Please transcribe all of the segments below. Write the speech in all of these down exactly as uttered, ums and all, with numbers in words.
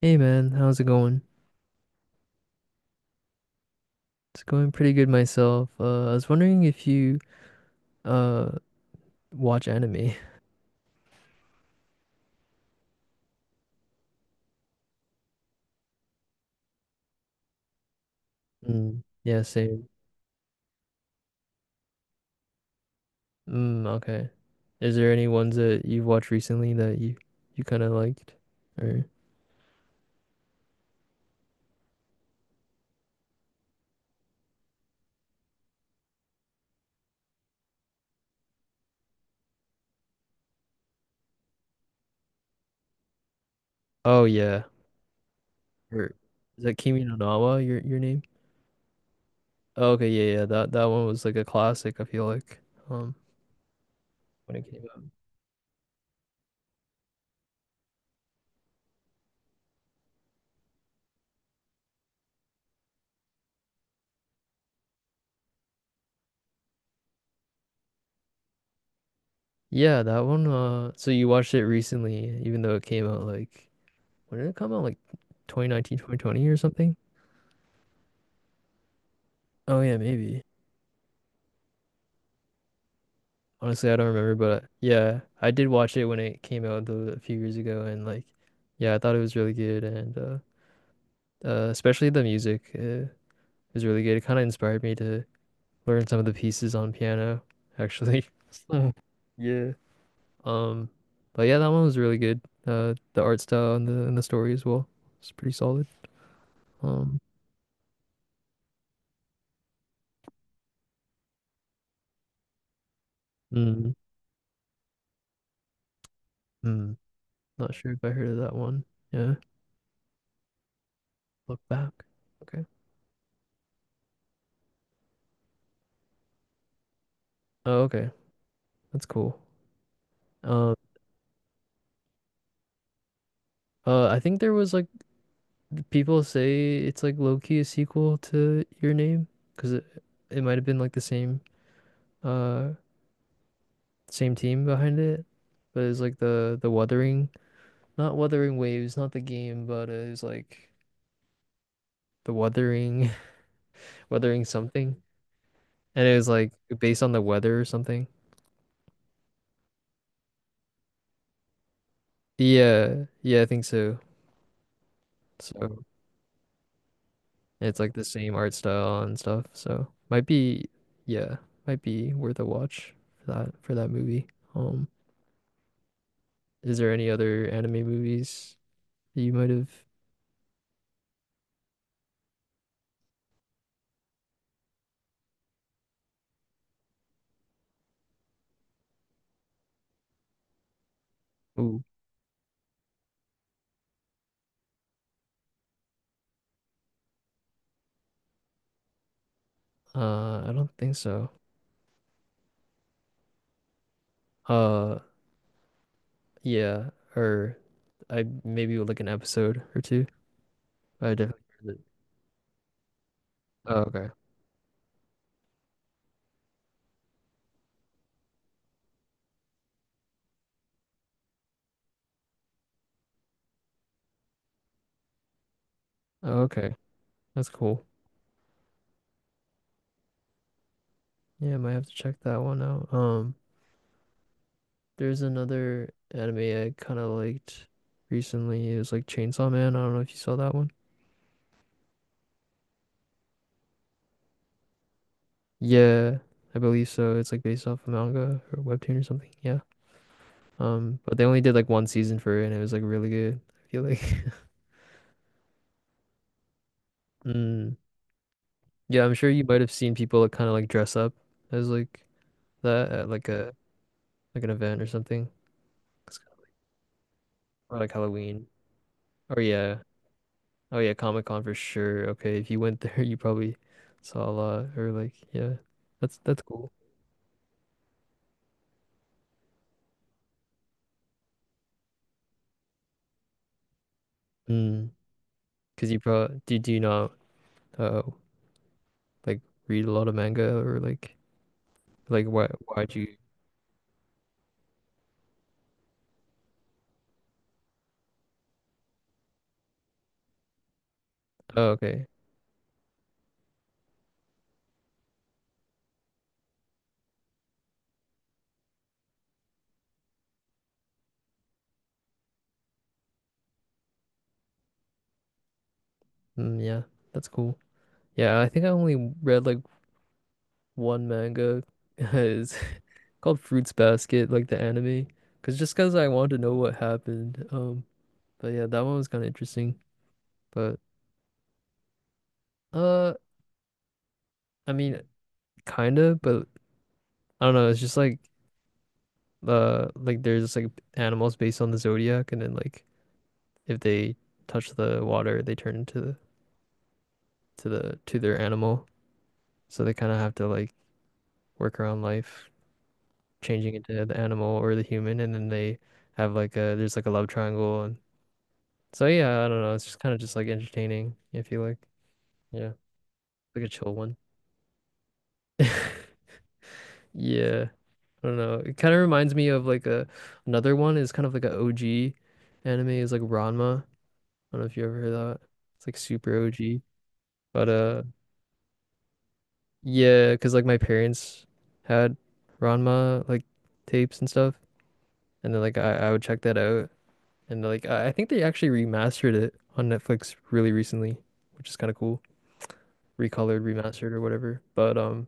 Hey man, how's it going? It's going pretty good myself. Uh, I was wondering if you uh watch anime. Mm, yeah, same. Mm, okay. Is there any ones that you've watched recently that you you kind of liked? Or oh yeah, or is that Kimi no Na Wa your your name? Oh, okay, yeah, yeah. That that one was like a classic. I feel like um when it came out. Yeah, that one. Uh, so you watched it recently, even though it came out like, when did it come out? Like twenty nineteen, twenty twenty or something? Oh yeah, maybe. Honestly, I don't remember, but uh, yeah, I did watch it when it came out the, a few years ago, and like, yeah, I thought it was really good, and uh, uh, especially the music uh, is really good. It kind of inspired me to learn some of the pieces on piano, actually. Mm. Yeah. Um, but yeah, that one was really good. Uh, the art style and the and the story as well. It's pretty solid. Um, mm, mm, Not sure if I heard of that one. Yeah, look back. Okay. Oh, okay, that's cool. Um, uh, I think there was like. People say it's like low key a sequel to Your Name because it, it might have been like the same uh same team behind it, but it's like the the Wuthering, not Wuthering Waves, not the game, but it was like the Wuthering Wuthering something, and it was like based on the weather or something. Yeah, yeah, I think so. So. Oh. It's like the same art style and stuff. So might be, yeah, might be worth a watch for that for that movie. Um. Is there any other anime movies that you might have? Ooh, uh, I don't think so. Uh, yeah, or I maybe like an episode or two. I definitely heard it. Oh, okay. Oh, okay. That's cool. Yeah, I might have to check that one out. Um, there's another anime I kind of liked recently. It was like Chainsaw Man. I don't know if you saw that one. Yeah, I believe so. It's like based off a manga or webtoon or something. Yeah. Um, but they only did like one season for it, and it was like really good. I feel like. Mm. Yeah, I'm sure you might have seen people like kind of like dress up as like that at like a like an event or something. It's kinda like- Or like Halloween. Or yeah. Oh yeah, Comic-Con for sure. Okay, if you went there, you probably saw a lot or like, yeah. That's that's cool. Mm. 'Cause you probably do, do you not uh like read a lot of manga or like like why why'd you. Oh, okay. Mm, yeah. That's cool. Yeah, I think I only read like one manga called Fruits Basket, like the anime, because just because I wanted to know what happened. Um, but yeah, that one was kind of interesting. But uh, I mean, kind of, but I don't know. It's just like uh, like there's like animals based on the zodiac, and then like if they touch the water, they turn into the to the to their animal. So they kind of have to like work around life, changing into the animal or the human, and then they have like a there's like a love triangle, and so yeah, I don't know. It's just kind of just like entertaining if you like. Yeah. Like a chill one. Yeah, I don't know. It kind of reminds me of like a another one is kind of like a O G anime is like Ranma. I don't know if you ever heard that. It's like super O G. But uh yeah, 'cause like my parents had Ranma like tapes and stuff, and then like I I would check that out, and like I, I think they actually remastered it on Netflix really recently, which is kind of cool. Recolored, remastered or whatever. But um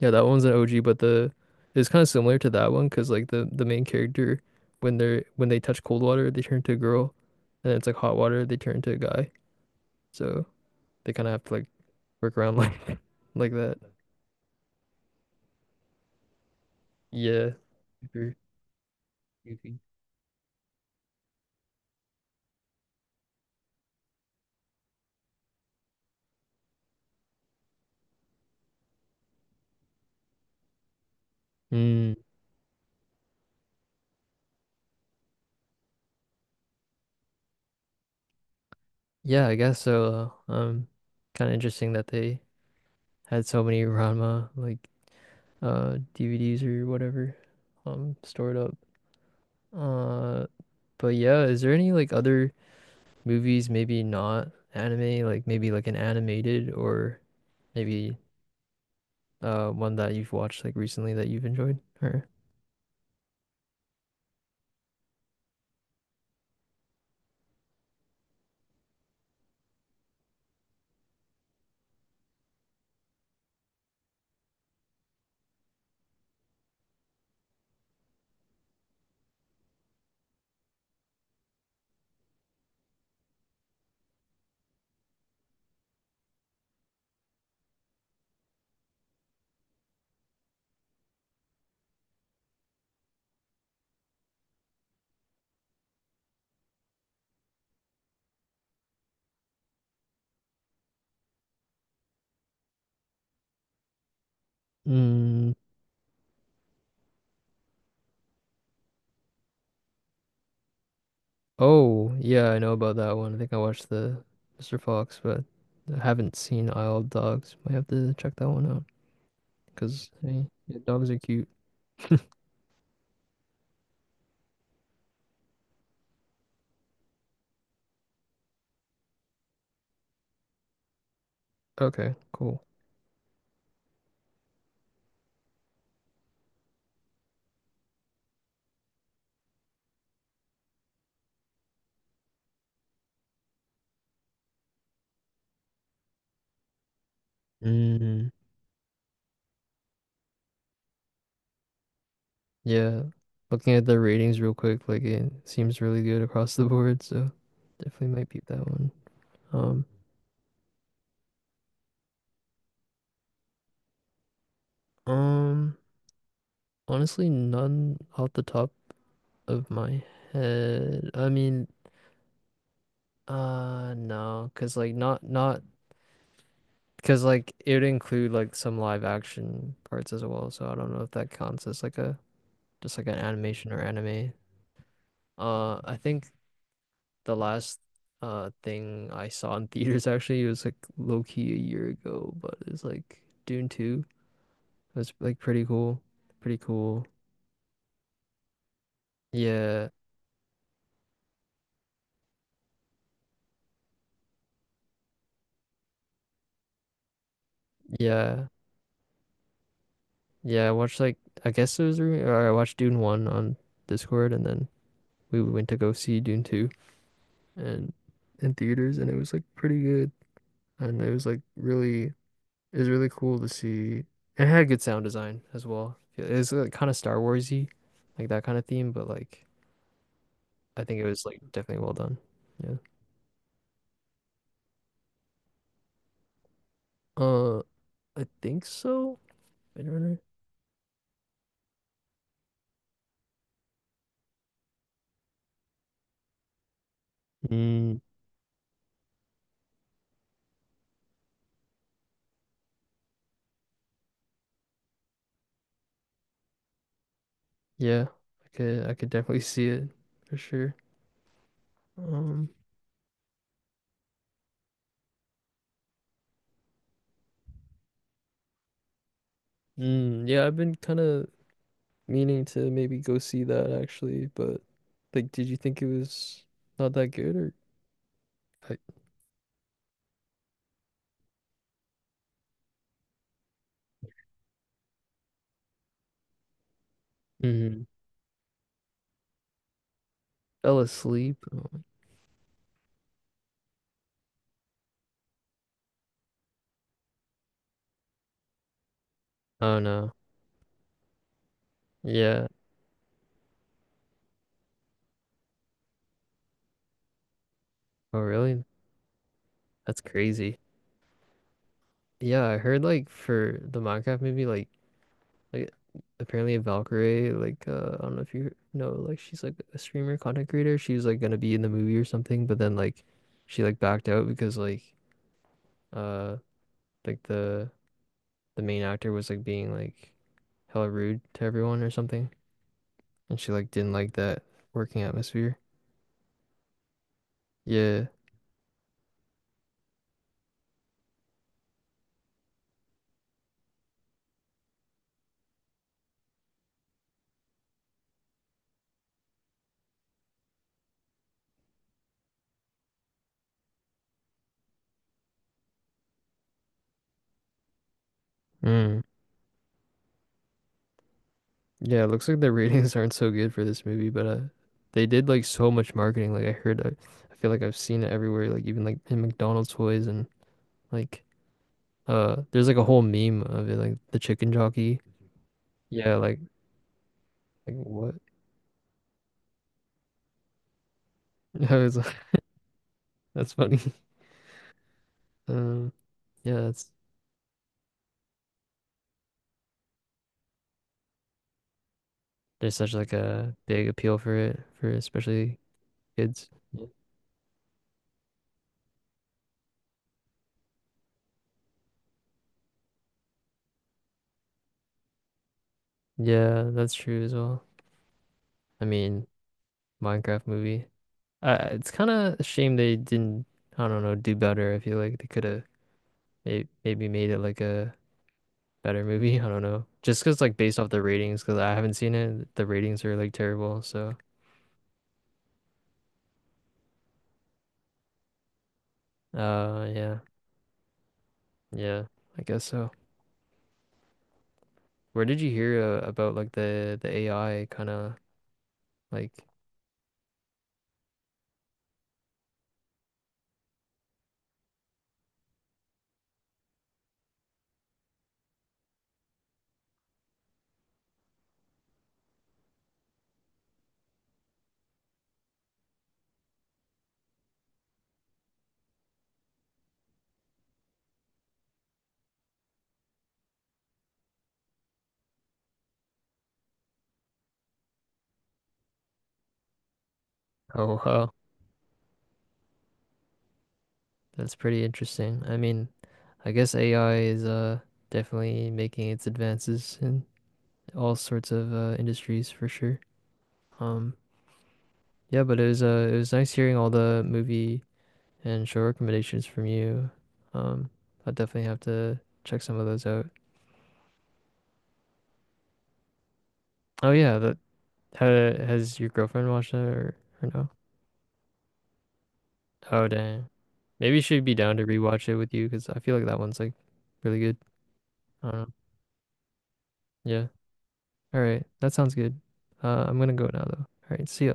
Yeah, that one's an O G, but the it's kind of similar to that one because like the the main character when they're when they touch cold water they turn into a girl, and it's like hot water they turn into a guy. So they kind of have to like work around like like that. Yeah, super goofy. Mm, yeah, I guess so. Uh, Um, kind of interesting that they had so many Ranma like uh D V Ds or whatever um stored up. Uh, but yeah, is there any like other movies, maybe not anime, like maybe like an animated or maybe uh one that you've watched like recently that you've enjoyed or mm, oh yeah, I know about that one. I think I watched the Mister Fox, but I haven't seen Isle of Dogs. Might have to check that one out because hey, yeah, dogs are cute. Okay, cool. Mm, yeah. Looking at the ratings real quick, like it seems really good across the board, so definitely might peep that one. Um, um, Honestly, none off the top of my head. I mean, uh no, cause like not not cause like it would include like some live action parts as well, so I don't know if that counts as like a just like an animation or anime. Uh I think the last uh thing I saw in theaters actually was like low key a year ago, but it's like Dune two. It was like pretty cool. Pretty cool. Yeah. Yeah. Yeah, I watched like, I guess it was re- or I watched Dune one on Discord, and then we went to go see Dune two and in theaters, and it was like pretty good, and it was like really it was really cool to see, and it had good sound design as well. It was like kind of Star Warsy, like that kind of theme, but like I think it was like definitely well done. Yeah. Uh I think so. Blade Runner. Mm, yeah. I could I could definitely see it for sure. Um Mm, yeah, I've been kind of meaning to maybe go see that actually, but like, did you think it was not that good or I hmm Fell asleep. Oh, oh, no. Yeah. Oh really? That's crazy. Yeah, I heard like for the Minecraft movie, like like apparently Valkyrie, like uh I don't know if you know, like she's like a streamer, content creator. She was like gonna be in the movie or something, but then like she like backed out because like uh like the the main actor was like being like hella rude to everyone or something. And she like didn't like that working atmosphere. Yeah. Mm. Yeah, it looks like the ratings aren't so good for this movie, but uh they did like so much marketing. Like I heard, I, I feel like I've seen it everywhere, like even like in McDonald's toys and like uh there's like a whole meme of it, like the chicken jockey. Yeah, like like what? I was like, that's funny. Um yeah, that's there's such like a big appeal for it for especially kids. Yeah, yeah, that's true as well. I mean, Minecraft movie. Uh, it's kind of a shame they didn't, I don't know, do better. I feel like they could have may maybe made it like a better movie. I don't know. Just 'cause like based off the ratings, 'cause I haven't seen it, the ratings are like terrible. So, uh, yeah, yeah, I guess so. Where did you hear uh, about like the the A I kind of, like? Oh, wow, that's pretty interesting. I mean, I guess A I is uh definitely making its advances in all sorts of uh, industries for sure. Um. Yeah, but it was uh it was nice hearing all the movie and show recommendations from you. Um, I definitely have to check some of those out. Oh yeah, that ha has your girlfriend watched that, or, or no? Oh dang. Maybe she'd be down to rewatch it with you because I feel like that one's like really good. I don't know. Yeah. All right. That sounds good. Uh, I'm gonna go now though. All right. See ya.